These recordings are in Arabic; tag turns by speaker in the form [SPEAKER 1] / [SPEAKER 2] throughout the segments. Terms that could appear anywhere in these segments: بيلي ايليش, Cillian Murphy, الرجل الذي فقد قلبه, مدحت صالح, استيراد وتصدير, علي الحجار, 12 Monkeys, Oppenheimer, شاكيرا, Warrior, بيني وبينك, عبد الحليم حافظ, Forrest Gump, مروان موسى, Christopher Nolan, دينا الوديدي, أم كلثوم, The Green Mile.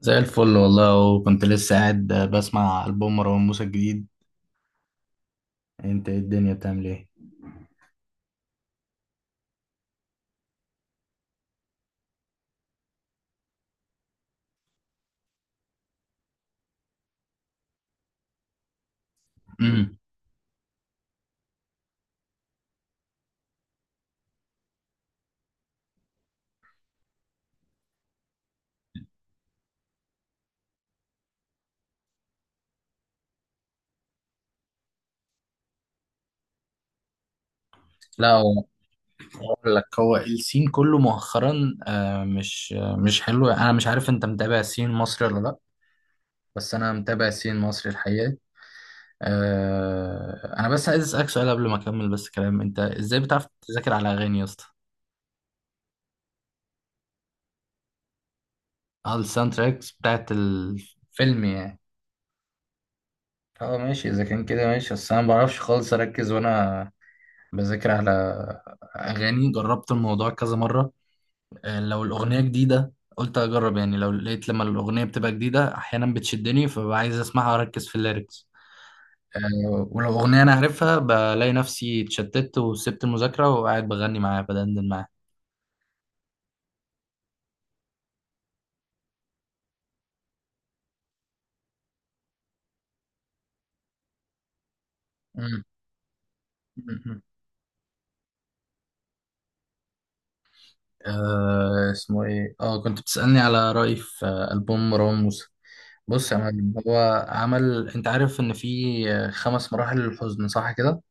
[SPEAKER 1] زي الفل والله وكنت لسه قاعد بسمع ألبوم مروان موسى الجديد. انت إيه الدنيا بتعمل ايه؟ امم لا هو اقول لك، هو السين كله مؤخرا مش حلو. انا مش عارف انت متابع السين المصري ولا لا. بس انا متابع السين المصري الحقيقة. انا بس عايز اسالك سؤال قبل ما اكمل بس كلام، انت ازاي بتعرف تذاكر على اغاني يا اسطى؟ اه، الساوند تراكس بتاعت الفيلم يعني. اه ماشي، اذا كان كده ماشي، بس انا ما بعرفش خالص اركز وانا بذاكر على أغاني. جربت الموضوع كذا مرة. لو الأغنية جديدة قلت أجرب يعني، لو لقيت لما الأغنية بتبقى جديدة أحيانا بتشدني فببقى عايز أسمعها وأركز في الليركس. ولو أغنية أنا عارفها بلاقي نفسي اتشتت وسبت المذاكرة وقاعد بغني معاها، بدندن معاها. مم. مم. اسمه إيه؟ كنت بتسألني على رأيي في ألبوم مروان موسى. بص يا معلم، هو عمل، أنت عارف إن في خمس مراحل للحزن، صح كده؟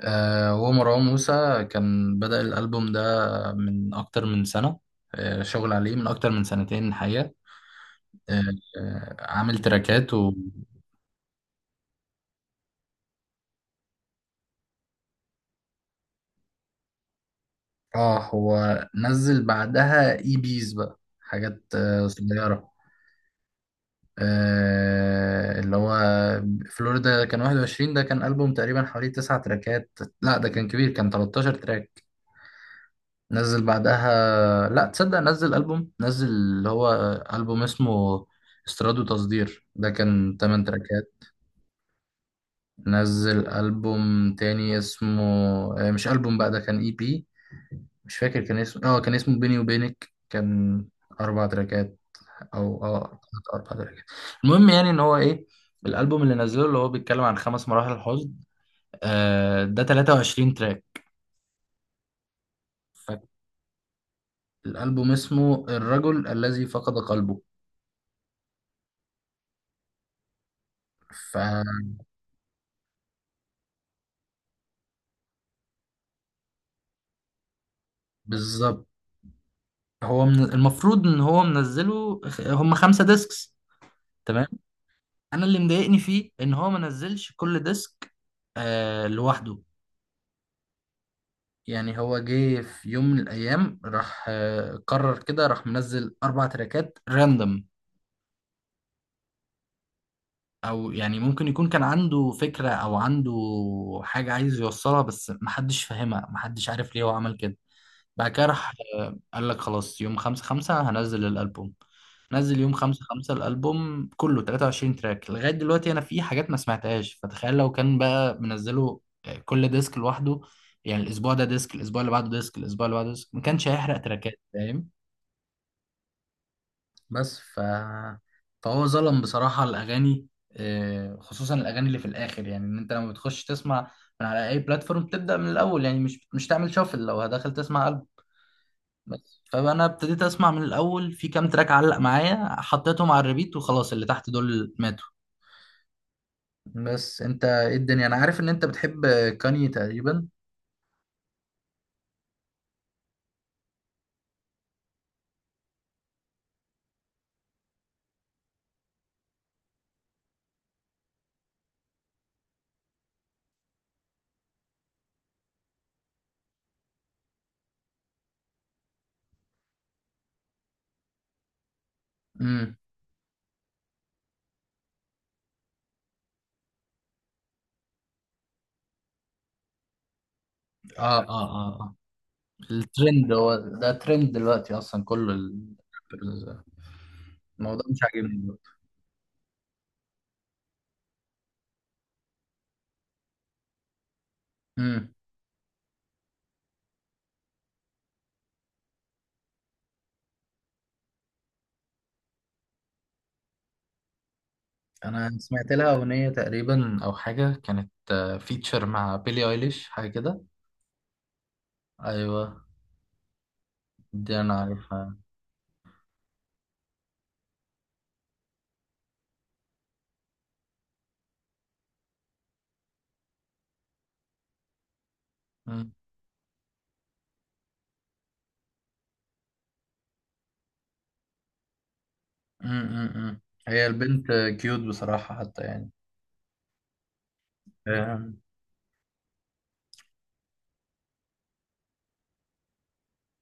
[SPEAKER 1] هو مروان موسى كان بدأ الألبوم ده من أكتر من سنة. شغل عليه من أكتر من سنتين الحقيقة. آه، عامل تراكات، و هو نزل بعدها إي بيز بقى حاجات صغيرة. اللي هو فلوريدا كان 21. ده كان ألبوم تقريبا حوالي تسع تراكات. لا، ده كان كبير، كان 13 تراك. نزل بعدها، لا تصدق، نزل ألبوم، نزل اللي هو ألبوم اسمه استيراد وتصدير، ده كان 8 تراكات. نزل ألبوم تاني اسمه، مش ألبوم بقى، ده كان اي بي. مش فاكر كان اسمه، كان اسمه بيني وبينك، كان أربع تراكات. أو أربع تراكات. المهم يعني إن هو إيه، الألبوم اللي نزله اللي هو بيتكلم عن خمس مراحل حزن، ده 23 تراك. فالألبوم اسمه الرجل الذي فقد قلبه. ف بالظبط. هو من المفروض ان هو منزله هم خمسة ديسكس. تمام. انا اللي مضايقني فيه ان هو ما نزلش كل ديسك لوحده. يعني هو جه في يوم من الايام، راح قرر كده، راح منزل اربع تراكات راندوم. او يعني ممكن يكون كان عنده فكرة او عنده حاجة عايز يوصلها بس محدش فاهمها، محدش عارف ليه هو عمل كده. بعد كده راح قال لك، خلاص، يوم 5/5 هنزل الألبوم. نزل يوم 5/5 الألبوم كله 23 تراك. لغاية دلوقتي أنا في حاجات ما سمعتهاش. فتخيل لو كان بقى منزله كل ديسك لوحده، يعني الأسبوع ده ديسك، الأسبوع اللي بعده ديسك، الأسبوع اللي بعده ديسك، ما كانش هيحرق تراكات فاهم. بس ف... فهو ظلم بصراحة الأغاني، خصوصا الأغاني اللي في الآخر. يعني إن أنت لما بتخش تسمع من على أي بلاتفورم تبدأ من الأول يعني، مش تعمل شافل. لو هدخل تسمع بس، فانا ابتديت اسمع من الاول. في كام تراك علق معايا، حطيتهم على الريبيت وخلاص، اللي تحت دول ماتوا. بس انت ايه الدنيا؟ انا عارف ان انت بتحب كاني تقريبا. امم اه اه اه اه. الترند، هو ده ترند دلوقتي اصلا كله ال- الموضوع مش عاجبني دلوقتي. امم انا سمعت لها اغنيه تقريبا او حاجه، كانت فيتشر مع بيلي ايليش حاجه كده. ايوه، دي انا عارفها. امم هي البنت كيوت بصراحة حتى يعني. آه،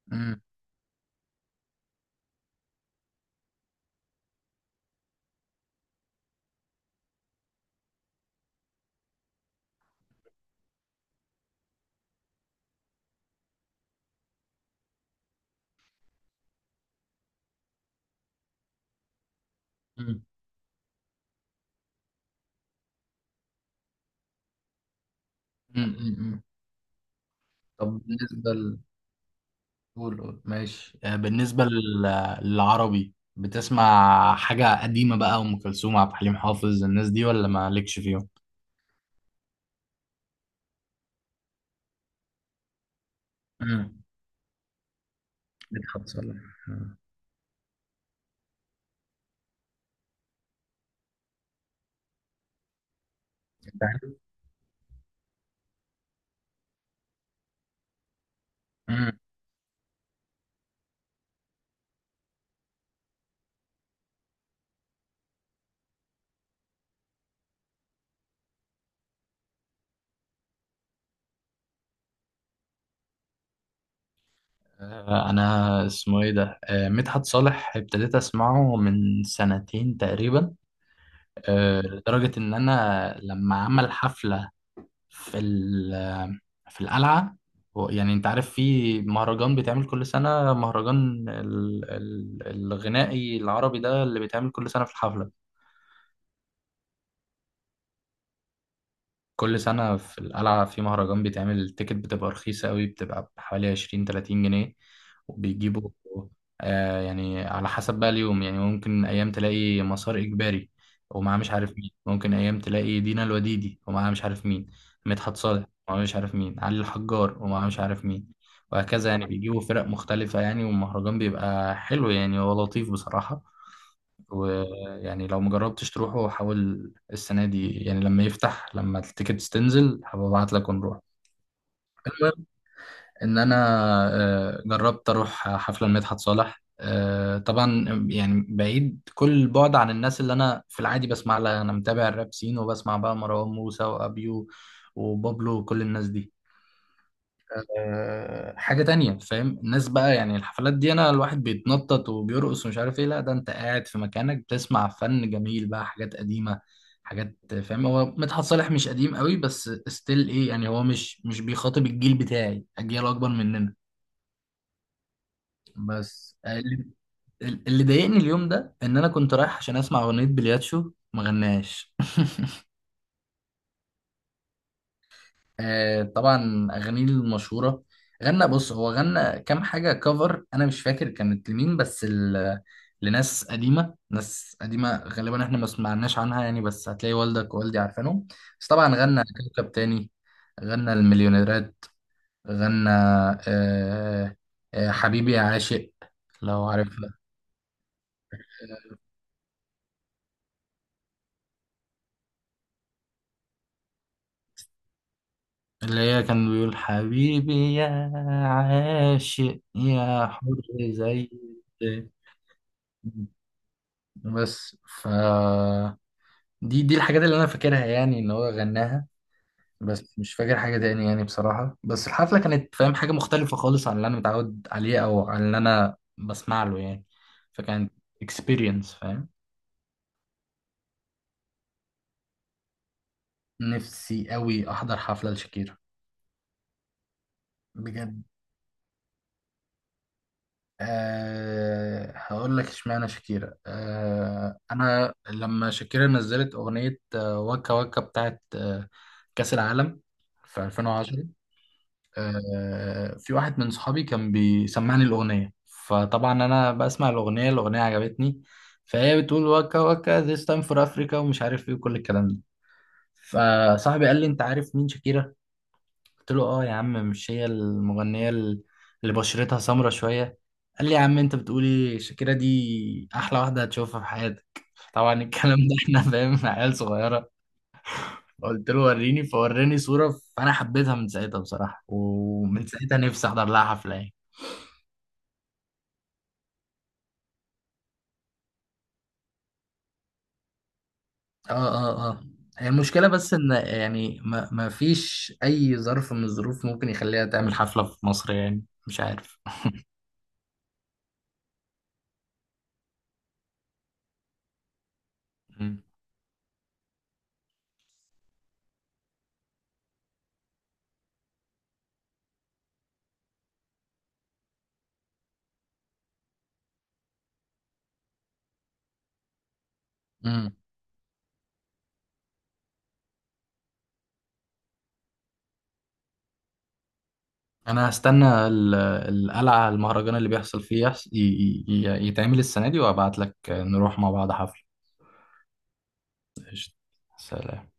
[SPEAKER 1] مم، مم، مم، مم. طب بالنسبة قول قول ماشي. بالنسبة للعربي، بتسمع حاجة قديمة بقى، أم كلثوم، عبد الحليم حافظ، الناس دي ولا مالكش فيهم؟ مم. مدحت صالح. مم. أنت عارف؟ مم. أنا اسمه إيه ده؟ مدحت صالح ابتديت أسمعه من سنتين تقريبا. لدرجة إن أنا لما عمل حفلة في ال- في القلعة، يعني انت عارف في مهرجان بيتعمل كل سنة، مهرجان الغنائي العربي ده اللي بيتعمل كل سنة في الحفلة. كل سنة في القلعة في مهرجان بيتعمل، التيكت بتبقى رخيصة قوي، بتبقى بحوالي 20 30 جنيه. وبيجيبوا يعني على حسب بقى اليوم. يعني ممكن أيام تلاقي مسار إجباري ومعاه مش عارف مين، ممكن أيام تلاقي دينا الوديدي ومعاه مش عارف مين، مدحت صالح ومعاه مش عارف مين، علي الحجار ومعاه مش عارف مين، وهكذا. يعني بيجيبوا فرق مختلفة يعني، والمهرجان بيبقى حلو يعني، هو لطيف بصراحة. ويعني لو مجربتش تروحه، حاول السنة دي يعني لما يفتح، لما التيكتس تنزل هبعت لك ونروح. المهم إن أنا جربت أروح حفلة لمدحت صالح، طبعا، يعني بعيد كل البعد عن الناس اللي أنا في العادي بسمع لها، أنا متابع الراب سين وبسمع بقى مروان موسى وأبيو وبابلو وكل الناس دي. حاجة تانية فاهم، الناس بقى، يعني الحفلات دي انا الواحد بيتنطط وبيرقص ومش عارف ايه، لا ده انت قاعد في مكانك بتسمع فن جميل بقى، حاجات قديمة، حاجات فاهم. هو مدحت صالح مش قديم قوي بس ستيل ايه يعني، هو مش بيخاطب الجيل بتاعي، اجيال اكبر مننا. بس اللي ضايقني اليوم ده، ان انا كنت رايح عشان اسمع اغنية بلياتشو ما غناش طبعا اغانيه المشهوره. غنى، بص هو غنى كام حاجه كفر، انا مش فاكر كانت لمين بس لناس قديمه، ناس قديمه غالبا احنا ما سمعناش عنها يعني، بس هتلاقي والدك ووالدي عارفينهم. بس طبعا غنى كوكب تاني، غنى المليونيرات، غنى آه حبيبي يا عاشق، لو عارفها. اللي هي كان بيقول حبيبي يا عاشق يا حر. زي بس ف دي الحاجات اللي انا فاكرها يعني ان هو غناها. بس مش فاكر حاجه تاني يعني بصراحه. بس الحفله كانت فاهم حاجه مختلفه خالص عن اللي انا متعود عليه او عن اللي انا بسمع له يعني. فكانت اكسبيرينس فاهم. نفسي قوي احضر حفله لشاكيرا. بجد. هقول لك اشمعنى شاكيرا. انا لما شاكيرا نزلت اغنيه وكا وكا بتاعت كاس العالم في 2010. في واحد من صحابي كان بيسمعني الأغنية، فطبعا أنا بسمع الأغنية. الأغنية عجبتني، فهي بتقول وكا وكا this time for Africa ومش عارف إيه وكل الكلام ده. فصاحبي قال لي، أنت عارف مين شاكيرا؟ قلت له، آه يا عم، مش هي المغنية اللي بشرتها سمرة شوية؟ قال لي، يا عم أنت بتقولي، شاكيرا دي أحلى واحدة هتشوفها في حياتك. طبعا الكلام ده إحنا فاهم، عيال صغيرة. قلت له وريني، فوراني صورة، فأنا حبيتها من ساعتها بصراحة، ومن ساعتها نفسي أحضر لها حفلة يعني. اه اه اه، هي المشكلة بس ان يعني ما فيش اي ظرف من الظروف ممكن يخليها تعمل حفلة في مصر يعني، مش عارف. مم. امم انا هستنى القلعة، المهرجان اللي بيحصل فيه، يحص... ي... ي... ي- يتعمل السنة دي، وابعت لك نروح مع بعض حفلة. قشطة. سلام.